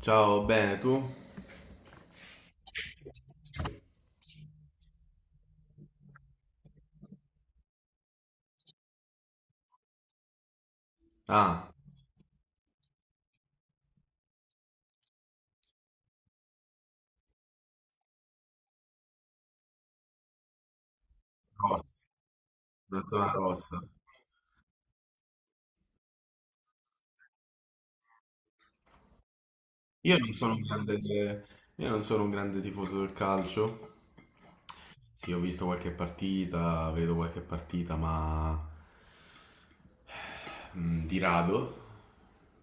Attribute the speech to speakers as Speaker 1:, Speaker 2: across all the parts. Speaker 1: Ciao, bene, tu? Ah, la tua rossa. Io non sono un grande, io non sono un grande tifoso del calcio. Sì, ho visto qualche partita, vedo qualche partita, ma di rado.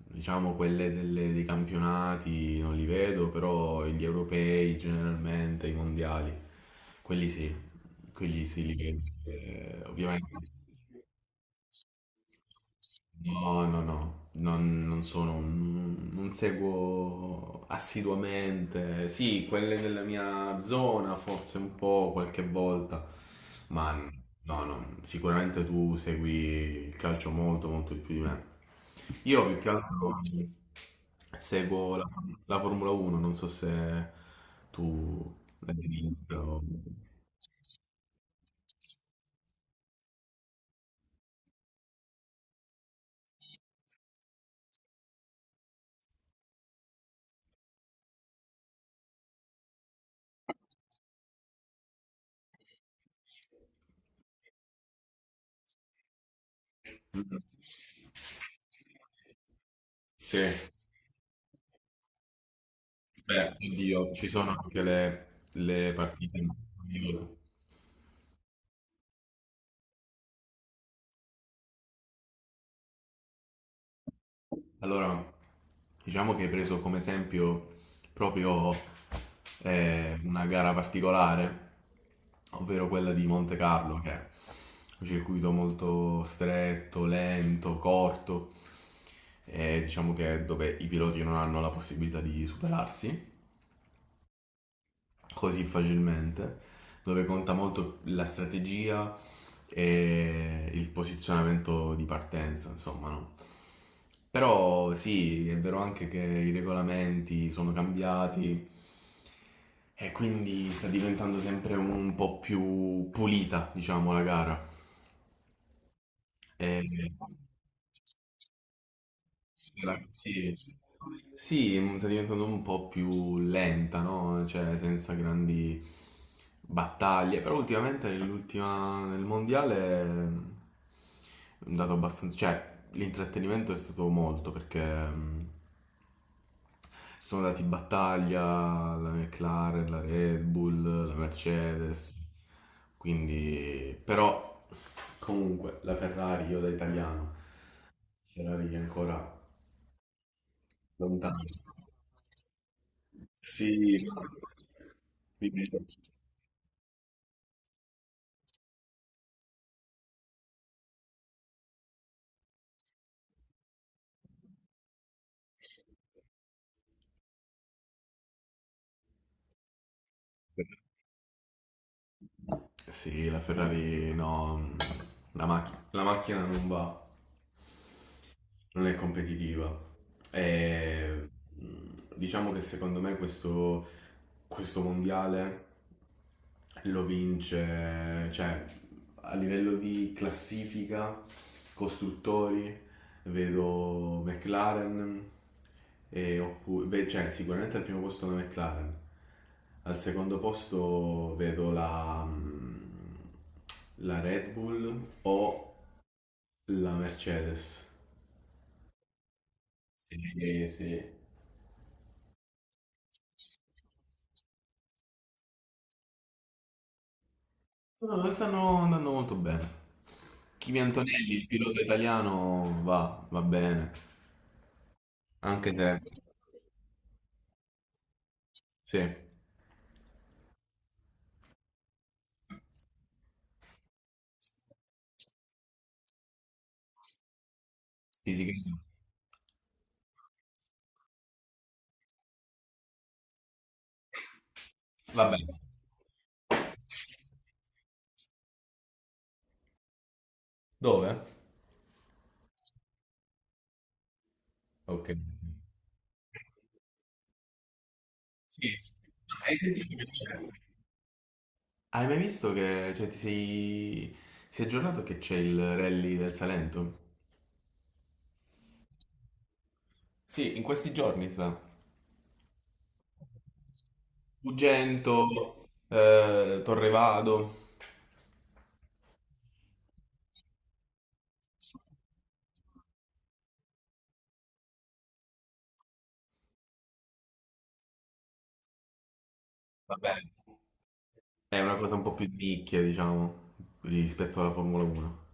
Speaker 1: Diciamo dei campionati non li vedo, però gli europei generalmente, i mondiali, quelli sì, quelli sì li vedo. Ovviamente. No, no, no, non sono, non seguo assiduamente. Sì, quelle della mia zona forse un po' qualche volta, ma no, no, sicuramente tu segui il calcio molto, molto di più di me. Io più che altro seguo la Formula 1, non so se tu l'hai visto. Sì. Beh, oddio, ci sono anche le partite meravigliose. Allora, diciamo che hai preso come esempio proprio una gara particolare, ovvero quella di Monte Carlo, che è un circuito molto stretto, lento, corto, e diciamo che è dove i piloti non hanno la possibilità di superarsi così facilmente, dove conta molto la strategia e il posizionamento di partenza, insomma, no? Però sì, è vero anche che i regolamenti sono cambiati e quindi sta diventando sempre un po' più pulita, diciamo, la gara. E- Sì, sì. Sì, sta diventando un po' più lenta, no? Cioè, senza grandi battaglie. Però nel mondiale è andato abbastanza. Cioè, l'intrattenimento è stato molto perché sono dati in battaglia la McLaren, la Red Bull, la Mercedes. Quindi, però, comunque, la Ferrari, io da italiano, Ferrari che ancora lontano. Sì, dimmi. Sì, la Ferrari no, la macchina non va, non è competitiva. E, diciamo che secondo me questo mondiale lo vince, cioè a livello di classifica, costruttori, vedo McLaren, e beh, cioè sicuramente al primo posto la McLaren, al secondo posto vedo la, la Red Bull o la Mercedes. Sì, sì. No, stanno andando molto bene. Kimi Antonelli, il pilota italiano, va bene. Anche se, sì, fisicamente. Va bene. Dove? Ok. Sì. Hai sentito che c'è? Hai mai visto che, cioè, si è aggiornato che c'è il rally del Salento? Sì, in questi giorni sta. Ugento, Torrevado. Va bene. È una cosa un po' più di nicchia, diciamo, rispetto alla Formula 1.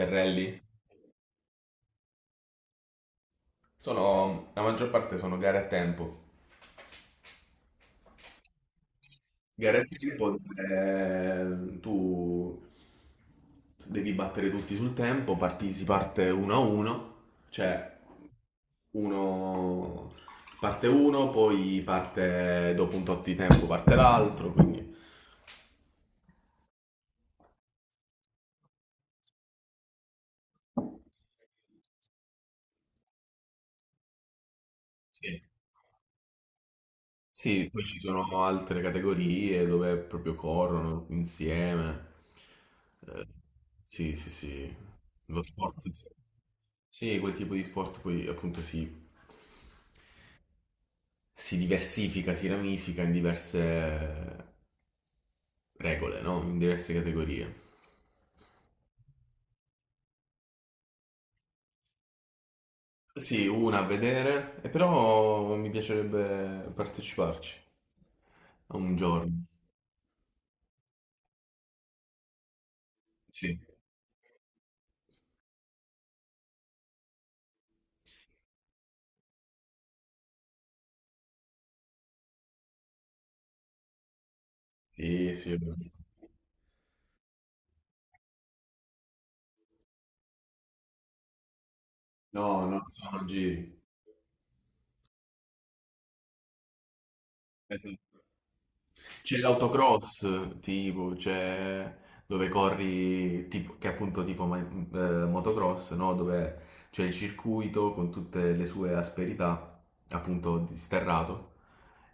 Speaker 1: Del rally? Sono, la maggior parte sono gare a tempo. Gare a tempo, tu devi battere tutti sul tempo, parti, si parte uno a uno, cioè uno uno, poi parte dopo un tot di tempo parte l'altro, quindi. Sì. Sì, poi ci sono altre categorie dove proprio corrono insieme. Eh, sì, sì, sì. Lo sport. Sì, sì, quel tipo di sport poi appunto si diversifica, si ramifica in diverse regole, no? In diverse categorie. Sì, una a vedere, e però mi piacerebbe parteciparci a un giorno. Sì, sì, sì. No, no, sono giri. Esatto. C'è l'autocross, tipo, c'è dove corri, tipo, che è appunto tipo motocross, no? Dove c'è il circuito con tutte le sue asperità, appunto, disterrato,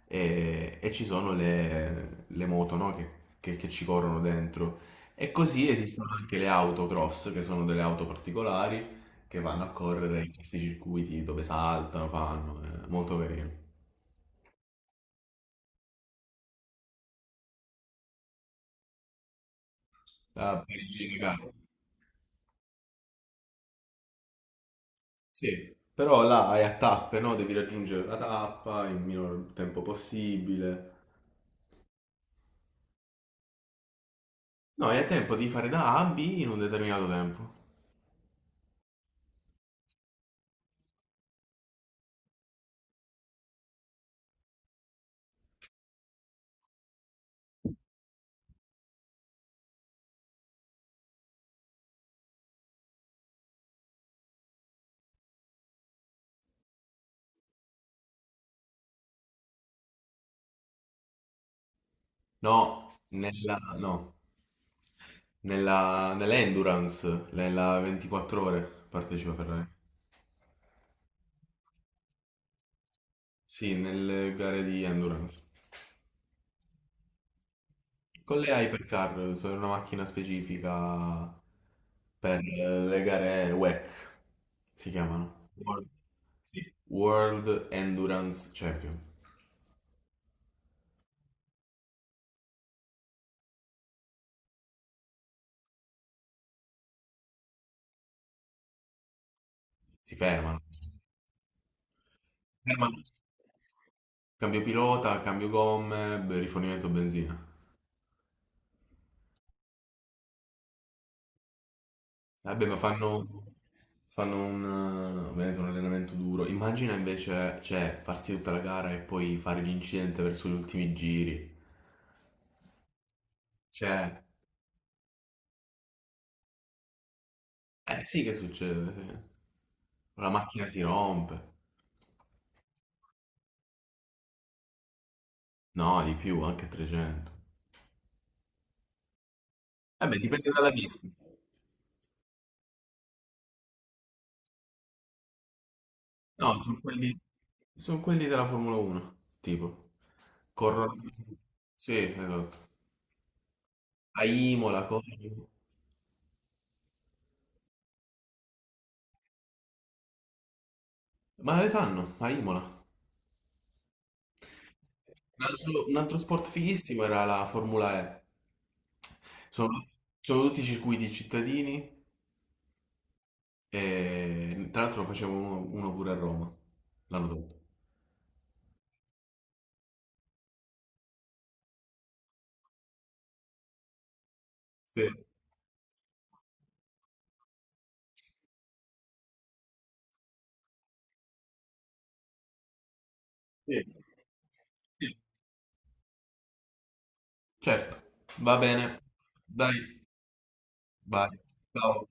Speaker 1: e ci sono le moto, no? Che ci corrono dentro. E così esistono anche le autocross, che sono delle auto particolari, che vanno a correre in questi circuiti dove saltano, fanno, è molto carino. Ah, Parigi, raga. Sì, però là hai a tappe, no? Devi raggiungere la tappa in minor tempo possibile. No, hai a tempo di fare da A a B in un determinato tempo. No, nell'endurance, nella 24 ore partecipa Ferrari. Sì, nelle gare di endurance. Con le Hypercar, sono una macchina specifica per le gare WEC, si chiamano. World, sì. World Endurance Champion. Si fermano. Cambio pilota, cambio gomme, beh, rifornimento benzina. Vabbè, fanno un, ovviamente un allenamento duro. Immagina invece, cioè, farsi tutta la gara e poi fare l'incidente verso gli ultimi giri. Cioè, eh sì che succede, sì. La macchina si rompe. No, di più, anche 300. Vabbè, dipende dalla pista. No, sono quelli della Formula 1, tipo. Corrono. Sì, esatto. A Imola, corrono. Ma le fanno a Imola. Un altro sport fighissimo era la Formula E. Sono, sono tutti circuiti cittadini e tra l'altro ne facevo uno pure a Roma l'anno dopo. Sì. Sì. Sì. Certo, va bene. Dai, vai. Ciao.